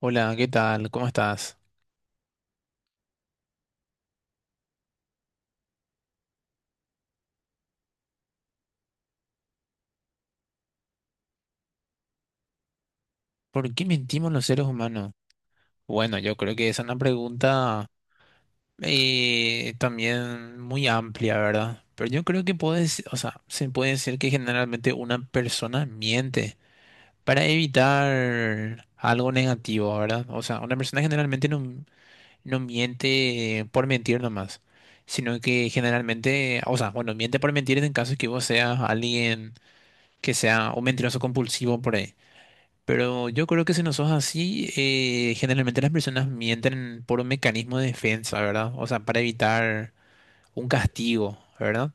Hola, ¿qué tal? ¿Cómo estás? ¿Por qué mentimos los seres humanos? Bueno, yo creo que esa es una pregunta también muy amplia, ¿verdad? Pero yo creo que puedes, o sea, se puede decir que generalmente una persona miente para evitar algo negativo, ¿verdad? O sea, una persona generalmente no miente por mentir nomás, sino que generalmente, o sea, bueno, miente por mentir en caso de que vos seas alguien que sea un mentiroso compulsivo por ahí. Pero yo creo que si no sos así, generalmente las personas mienten por un mecanismo de defensa, ¿verdad? O sea, para evitar un castigo, ¿verdad?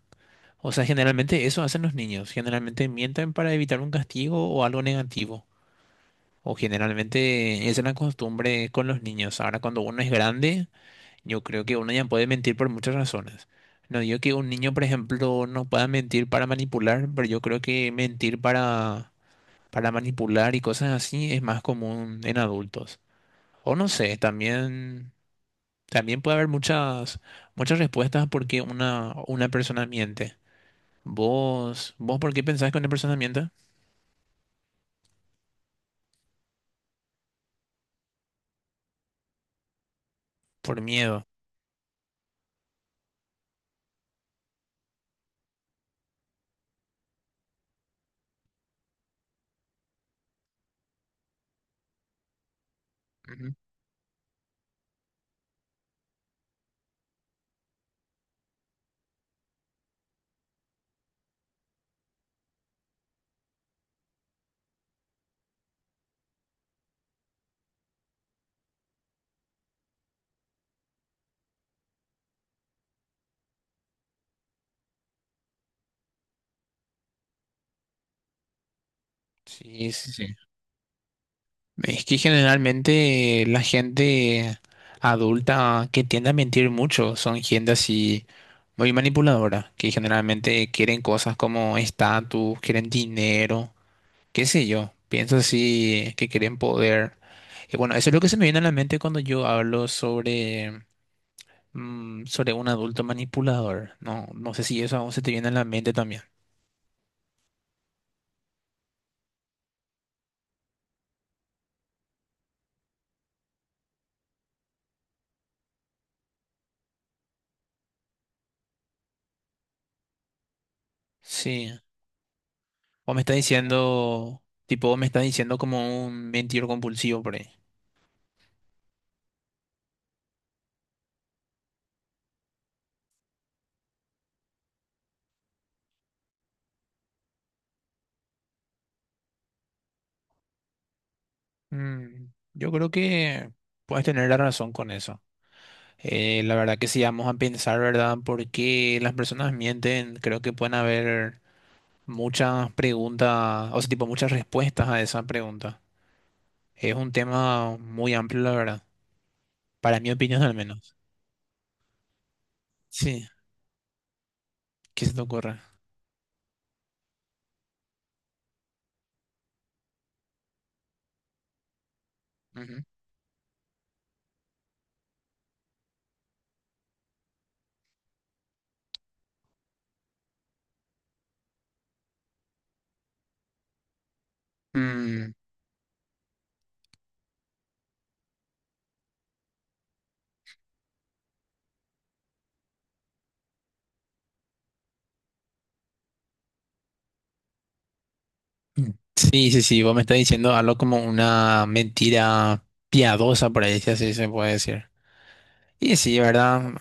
O sea, generalmente eso hacen los niños. Generalmente mienten para evitar un castigo o algo negativo. O generalmente esa es la costumbre con los niños. Ahora, cuando uno es grande, yo creo que uno ya puede mentir por muchas razones. No digo que un niño, por ejemplo, no pueda mentir para manipular, pero yo creo que mentir para manipular y cosas así es más común en adultos. O no sé, también, también puede haber muchas, muchas respuestas porque una persona miente. ¿Vos por qué pensás que una persona miente? Por miedo. Ujú. Sí, sí, sí. Es que generalmente la gente adulta que tiende a mentir mucho son gente así muy manipuladora, que generalmente quieren cosas como estatus, quieren dinero. Qué sé yo, pienso así que quieren poder. Y bueno, eso es lo que se me viene a la mente cuando yo hablo sobre, sobre un adulto manipulador. No sé si eso aún se te viene a la mente también. Sí. O me está diciendo, tipo, me está diciendo como un mentiroso compulsivo por ahí. Mm, yo creo que puedes tener la razón con eso. La verdad que si vamos a pensar, ¿verdad? ¿Por qué las personas mienten? Creo que pueden haber muchas preguntas, o sea, tipo muchas respuestas a esa pregunta. Es un tema muy amplio, la verdad. Para mi opinión, al menos. Sí, ¿qué se te ocurre? Ujú. Mm, mm. Sí, sí, sí, vos me estás diciendo algo como una mentira piadosa, por ahí, si así se puede decir. Y sí, ¿verdad?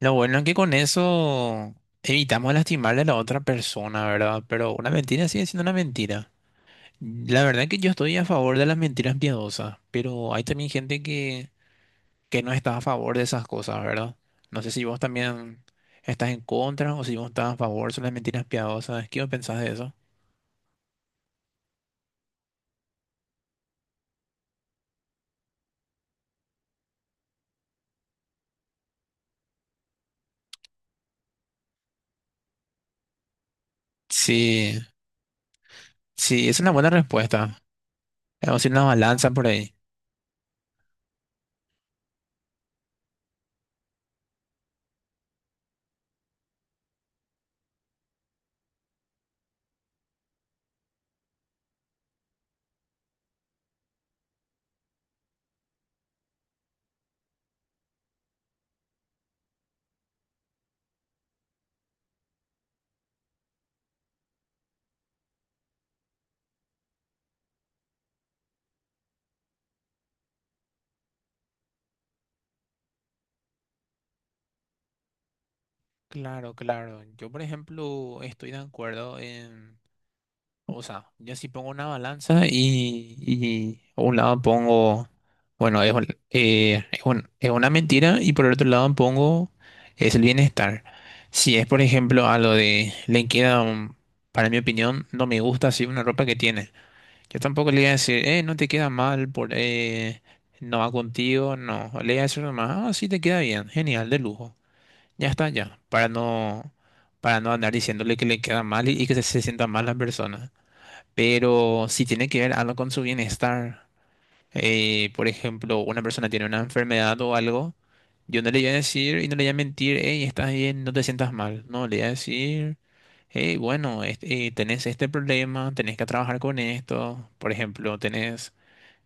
Lo bueno es que con eso evitamos lastimarle a la otra persona, ¿verdad? Pero una mentira sigue siendo una mentira. La verdad que yo estoy a favor de las mentiras piadosas, pero hay también gente que no estás a favor de esas cosas, ¿verdad? No sé si vos también estás en contra o si vos estás a favor, son las mentiras piadosas. ¿Qué vos pensás de eso? Sí, sí, es una buena respuesta. Vamos a ir una balanza por ahí. Claro, claro. Yo, por ejemplo, estoy de acuerdo en... O sea, yo sí pongo una balanza y a un lado pongo, bueno, es una mentira y por el otro lado pongo es el bienestar. Si es, por ejemplo, a lo de le para mi opinión, no me gusta así una ropa que tiene. Yo tampoco le voy a decir, no te queda mal, no va contigo, no. Le voy a decir nomás, ah, sí te queda bien, genial, de lujo. Ya está, ya, para no andar diciéndole que le queda mal y que se sienta mal la persona pero si tiene que ver algo con su bienestar, por ejemplo, una persona tiene una enfermedad o algo, yo no le voy a decir y no le voy a mentir, hey, estás bien, no te sientas mal. No, le voy a decir, hey, bueno, este, tenés este problema, tenés que trabajar con esto. Por ejemplo,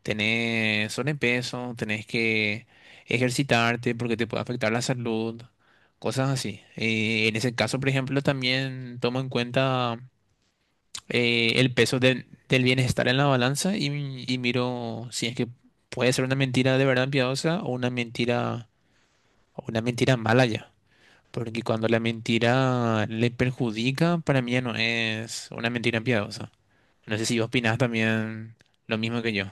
tenés sobrepeso, tenés que ejercitarte porque te puede afectar la salud, cosas así. En ese caso, por ejemplo, también tomo en cuenta el peso del bienestar en la balanza y miro si es que puede ser una mentira de verdad piadosa o una mentira mala ya. Porque cuando la mentira le perjudica, para mí ya no es una mentira piadosa. No sé si vos opinás también lo mismo que yo.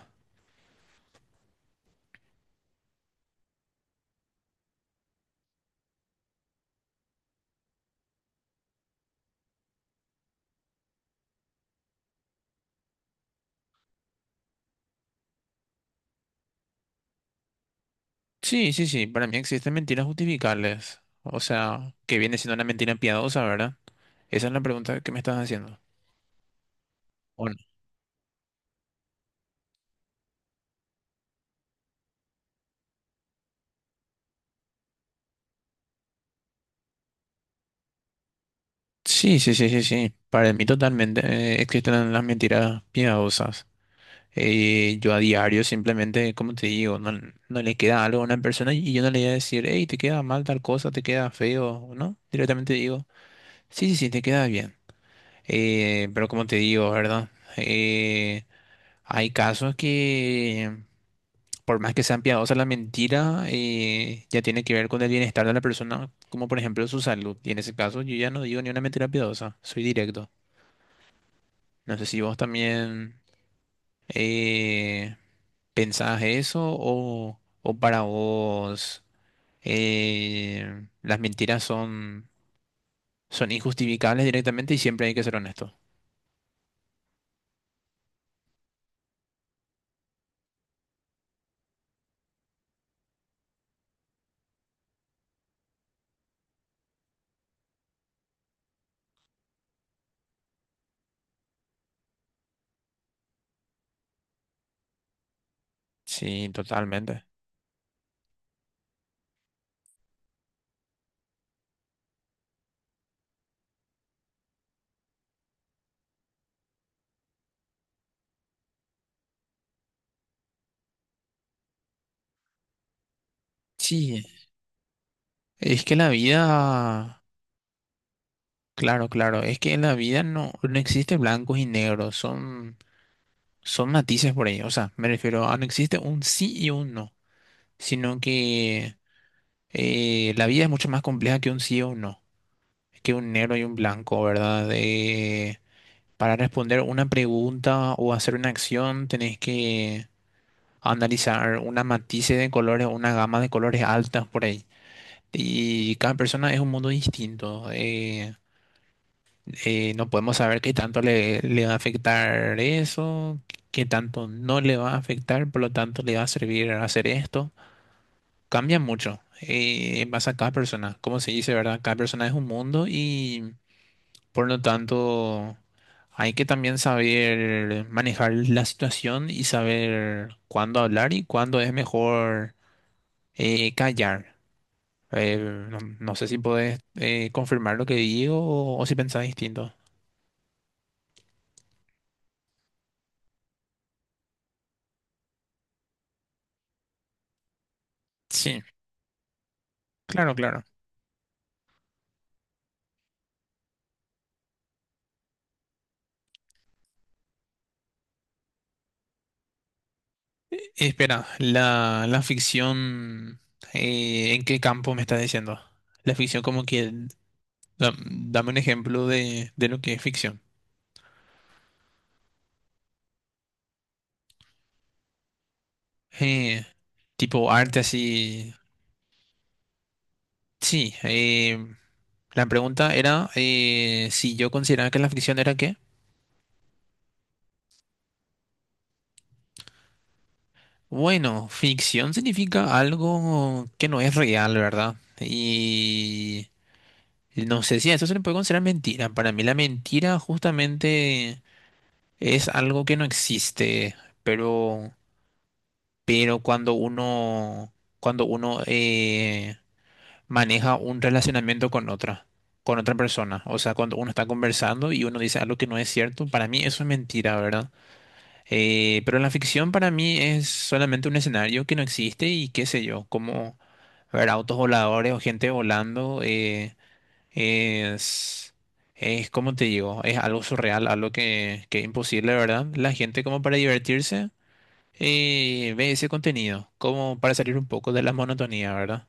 Sí, sí, sí, para mí existen mentiras justificables. O sea, que viene siendo una mentira piadosa, ¿verdad? Esa es la pregunta que me estás haciendo. ¿O no? Sí, sí, sí, sí, sí. Para mí totalmente existen las mentiras piadosas. Yo a diario simplemente, como te digo, no, no le queda algo a una persona y yo no le voy a decir, hey, te queda mal tal cosa, te queda feo, ¿no? Directamente digo, sí, sí, sí, te queda bien. Pero como te digo, ¿verdad? Eh, hay casos que, por más que sean piadosas la mentira, ya tiene que ver con el bienestar de la persona, como por ejemplo su salud. Y en ese caso yo ya no digo ni una mentira piadosa, soy directo. No sé si vos también... eh, ¿Pensás eso o para vos las mentiras son, son injustificables directamente y siempre hay que ser honesto? Sí, totalmente. Sí, es que la vida, claro, claro, es que en la vida no, no existe blancos y negros, son, son matices por ahí. O sea, me refiero a no existe un sí y un no, sino que la vida es mucho más compleja que un sí o un no, que un negro y un blanco, ¿verdad? Para responder una pregunta o hacer una acción, tenés que analizar una matices de colores, una gama de colores altas por ahí. Y cada persona es un mundo distinto. No podemos saber qué tanto le va a afectar eso, qué tanto no le va a afectar, por lo tanto le va a servir hacer esto. Cambia mucho en base a cada persona. Como se dice, ¿verdad? Cada persona es un mundo y por lo tanto. Hay que también saber manejar la situación y saber cuándo hablar y cuándo es mejor callar. Eh, no, no sé si podés confirmar lo que digo o si pensás distinto. Sí, claro, claro. Espera, la ficción, ¿en qué campo me estás diciendo? La ficción como que, dame un ejemplo de lo que es ficción. Eh, tipo arte así. Sí, la pregunta era si yo consideraba que la ficción era qué. Bueno, ficción significa algo que no es real, ¿verdad? Y no sé si a eso se le puede considerar mentira. Para mí la mentira justamente es algo que no existe, pero, pero cuando uno maneja un relacionamiento con otra persona, o sea, cuando uno está conversando y uno dice algo que no es cierto, para mí eso es mentira, ¿verdad? Pero la ficción para mí es solamente un escenario que no existe y qué sé yo, como ver autos voladores o gente volando es, es, como te digo, es algo surreal, algo que es imposible, ¿verdad? La gente como para divertirse ve ese contenido, como para salir un poco de la monotonía, ¿verdad?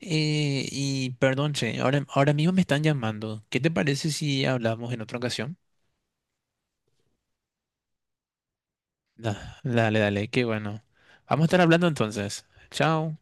Y perdón, che, ahora mismo me están llamando. ¿Qué te parece si hablamos en otra ocasión? Dale, dale, qué bueno. Vamos a estar hablando entonces. Chao.